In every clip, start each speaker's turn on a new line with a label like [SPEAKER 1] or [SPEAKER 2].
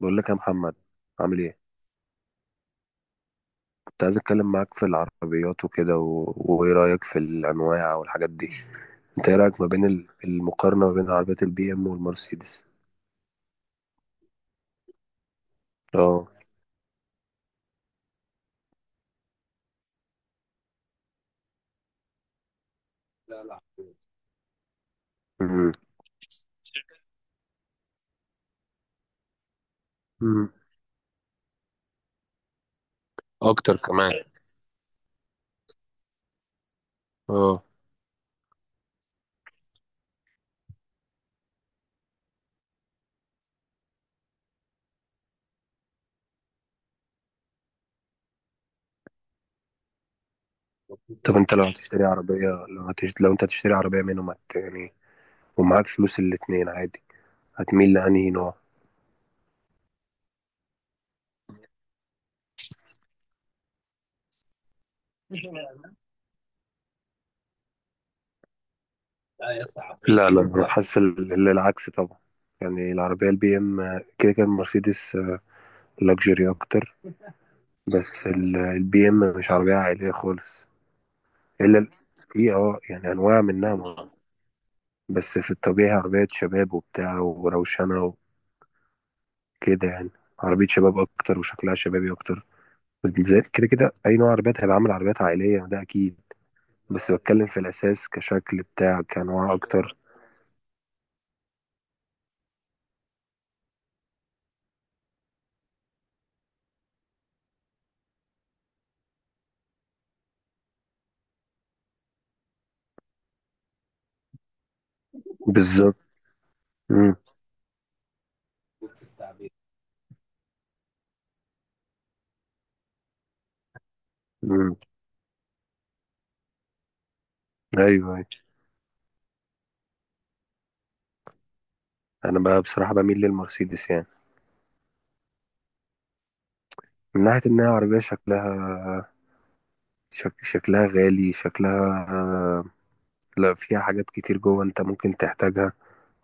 [SPEAKER 1] بقول لك يا محمد، عامل ايه؟ كنت عايز اتكلم معاك في العربيات وكده و... وايه رايك في الانواع والحاجات دي؟ انت ايه رايك ما بين في المقارنه ما بين عربيات البي ام والمرسيدس؟ اه. امم. مم. اكتر كمان. اه. طب انت لو هتشتري عربيه، لو انت هتشتري عربيه منهم، يعني ومعاك فلوس الاتنين عادي، هتميل لانهي نوع؟ لا لا، انا حاسس العكس طبعا. يعني العربيه البي ام كده كان مرسيدس لكجري اكتر. بس البي ام مش عربية عائلية خالص. الا ال- في يعني انواع منها بس في الطبيعي عربية شباب وبتاع وروشنة وكده يعني، عربية شباب اكتر وشكلها شبابي اكتر. كده كده اي نوع عربيات هيبقى عامل عربيات عائلية ده اكيد، بس بتكلم في الاساس كشكل بتاع، كانواع اكتر. بالظبط. امم. امم. ايوه. أيوة. انا بقى بصراحة بميل للمرسيدس يعني، من ناحية انها عربية شكلها، شكلها غالي، شكلها، لا، فيها حاجات كتير جوه انت ممكن تحتاجها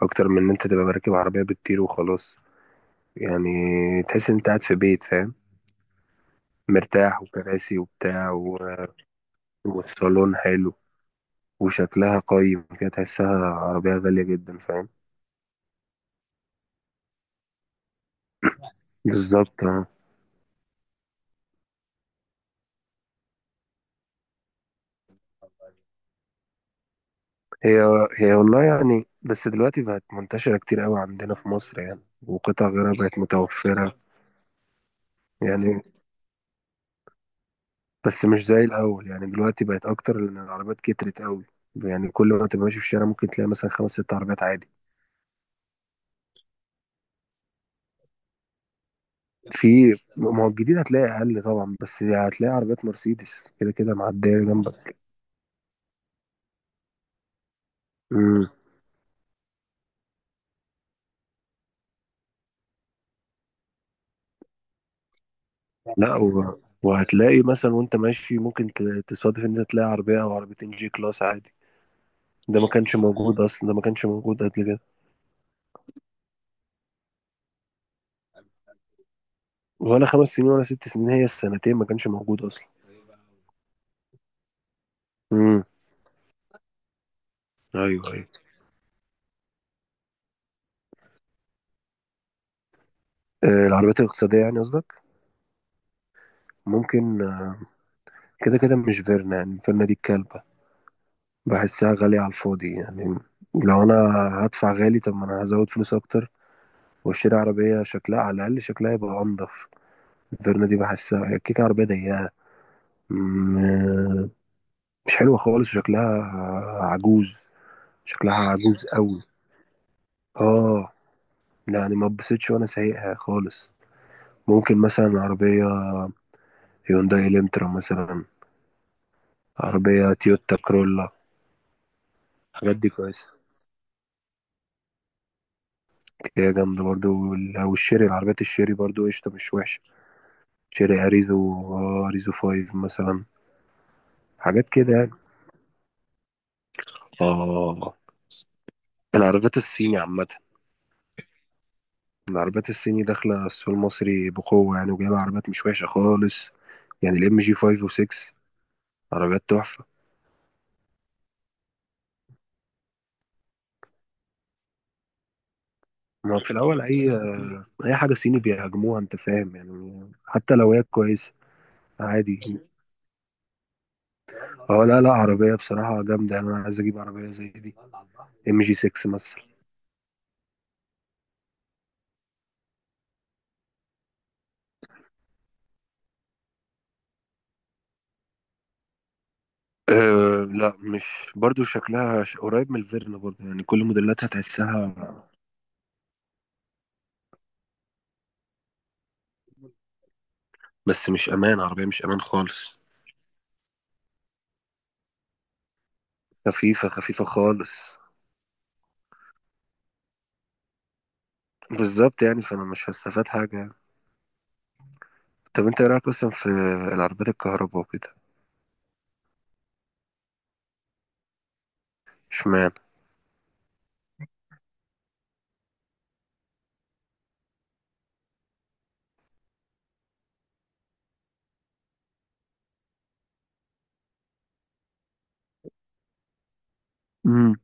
[SPEAKER 1] اكتر من ان انت تبقى راكب عربية بتطير وخلاص يعني. تحس ان انت قاعد في بيت فاهم، مرتاح وكراسي وبتاع والصالون حلو، وشكلها قايم كده، تحسها عربية غالية جدا فاهم. بالظبط. اه. هي هي والله يعني، بس دلوقتي بقت منتشرة كتير قوي عندنا في مصر يعني، وقطع غيرها بقت متوفرة. يعني بس مش زي الأول يعني، دلوقتي بقت أكتر لأن العربيات كترت قوي. يعني كل ما تبقى ماشي في الشارع ممكن تلاقي مثلا خمس ست عربيات عادي. في ما هو الجديد هتلاقي اقل طبعا، بس هتلاقي عربيات مرسيدس كده كده معديه جنبك. امم. لا و... وهتلاقي مثلا وانت ماشي ممكن تصادف ان انت تلاقي عربيه او عربيتين جي كلاس عادي. ده ما كانش موجود اصلا، ده ما كانش موجود قبل كده. ولا 5 سنين ولا 6 سنين، هي السنتين ما كانش موجود اصلا. امم. ايوه. ايوه. آه، العربيات الاقتصاديه يعني قصدك؟ ممكن. كده كده مش فيرنا يعني. فيرنا دي الكلبه، بحسها غاليه على الفاضي يعني. لو انا هدفع غالي، طب ما انا هزود فلوس اكتر واشتري عربية شكلها على الأقل، شكلها يبقى أنضف. فيرنا دي بحسها هي كيكة، عربية ضيقة، م- مش حلوة خالص، شكلها عجوز. شكلها عجوز قوي. اه، يعني ما اتبسطش وانا سايقها خالص. ممكن مثلا عربية هيونداي الانترا مثلا، عربية تويوتا كرولا. الحاجات دي كويسة. هي جامدة برضو والشيري، العربيات الشيري برضو قشطة مش وحشة. شيري أريزو، أريزو فايف مثلا، حاجات كده يعني. اه. العربيات الصيني عامة، العربيات الصيني داخلة السوق المصري بقوة، يعني وجايبة عربيات مش وحشة خالص. يعني الام جي 5 و6 عربيات تحفة. ما في الأول، أي حاجة صيني بيهاجموها أنت فاهم، يعني حتى لو هي كويسة. عادي. اه، لا لا، عربية بصراحة جامدة يعني، أنا عايز أجيب عربية زي دي، ام جي 6 مثلا. أه لا، مش برضو، شكلها قريب من الفيرنا برضو، يعني كل موديلاتها تحسها. بس مش امان، عربية مش امان خالص، خفيفة خفيفة خالص. بالظبط يعني، فانا مش هستفاد حاجة. طب انت ايه رايك اصلا في العربيات الكهرباء وكده؟ اشمعنى؟ امم.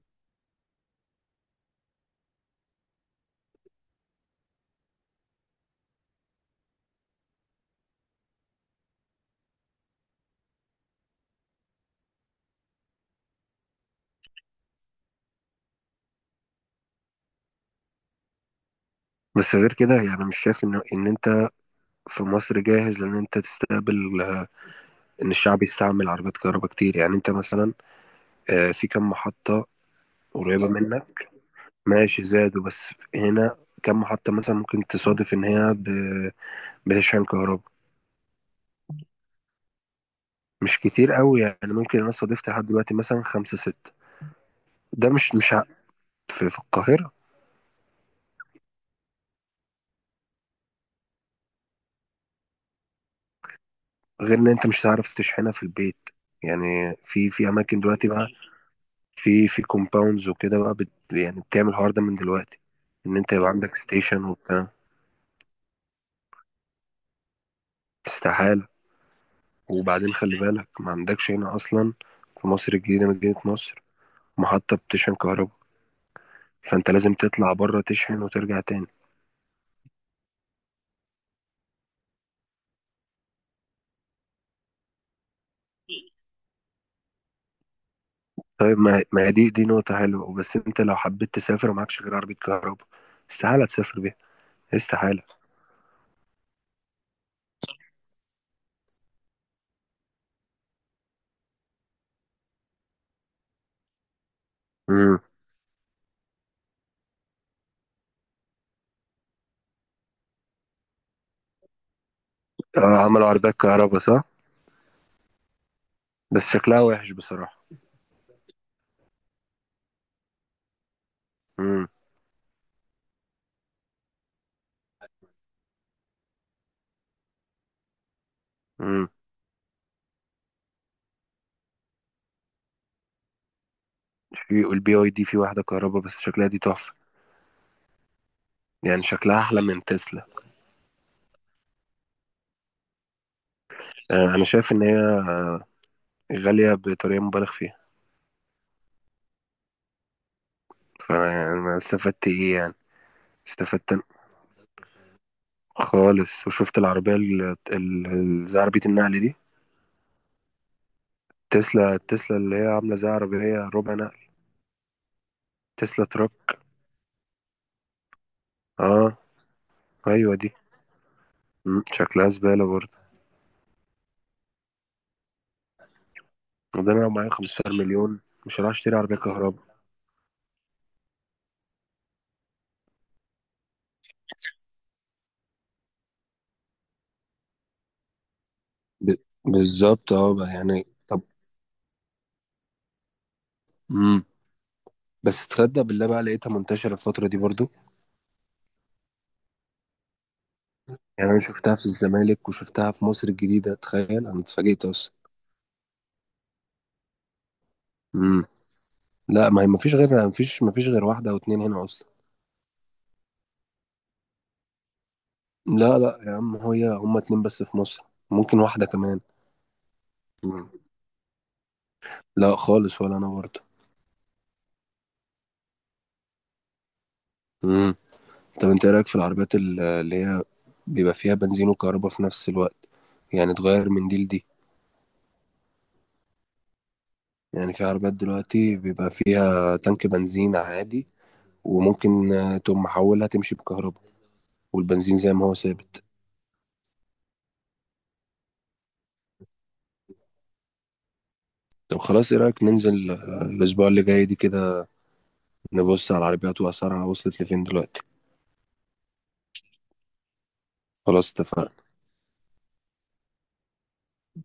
[SPEAKER 1] بس غير كده يعني، مش شايف ان انت في مصر جاهز لان انت تستقبل ان الشعب يستعمل عربيات كهرباء كتير. يعني انت مثلا، في كم محطة قريبة منك؟ ماشي زادوا، بس هنا كم محطة مثلا ممكن تصادف ان هي بتشحن كهرباء؟ مش كتير قوي يعني، ممكن انا صادفت لحد دلوقتي مثلا خمسة ستة. ده مش مش ع- في، في القاهرة. غير ان انت مش هتعرف تشحنها في البيت. يعني في اماكن دلوقتي بقى، في كومباوندز وكده بقى، يعني بتعمل الحوار ده من دلوقتي، ان انت يبقى عندك ستيشن وبتاع. استحالة. وبعدين خلي بالك، ما عندكش هنا اصلا في مصر الجديدة مدينة نصر محطة بتشحن كهرباء، فانت لازم تطلع بره تشحن وترجع تاني. طيب، ما هي دي نقطة حلوة، بس انت لو حبيت تسافر ومعكش غير عربية كهرباء استحالة تسافر بيها. استحالة. امم. اه عملوا عربيات كهرباء صح، بس شكلها وحش بصراحة. امم. امم. في البي اي دي في واحدة كهرباء بس شكلها دي تحفة، يعني شكلها أحلى من تسلا. آه، أنا شايف إن هي غالية بطريقة مبالغ فيها، فأنا استفدت إيه يعني؟ استفدت خالص. وشفت العربية زي عربية النقل دي، تسلا، تسلا اللي هي عاملة زي عربية ربع نقل، تسلا تراك. اه. أيوة دي. مم، شكلها زبالة برضه. وده أنا لو معايا 15 مليون مش هروح أشتري عربية كهرباء. ب... بالظبط، اه بقى، يعني طب. مم. بس تصدق بالله، بقى لقيتها منتشرة الفترة دي برضو، يعني انا شفتها في الزمالك وشفتها في مصر الجديده، تخيل، انا اتفاجئت اصلا. امم. لا، ما هي ما فيش غير واحده او اتنين هنا اصلا. لا لا يا عم، هي هما اتنين بس في مصر، ممكن واحده كمان. مم. لا خالص، ولا انا برضه. امم. طب انت ايه رايك في العربيات اللي هي بيبقى فيها بنزين وكهرباء في نفس الوقت؟ يعني تغير من دي لدي. يعني في عربيات دلوقتي بيبقى فيها تانك بنزين عادي، وممكن تقوم محولها تمشي بكهرباء والبنزين زي ما هو ثابت. طب خلاص، ايه رأيك ننزل الأسبوع اللي جاي دي كده، نبص على العربيات وأسعارها وصلت لفين دلوقتي؟ خلاص، اتفقنا.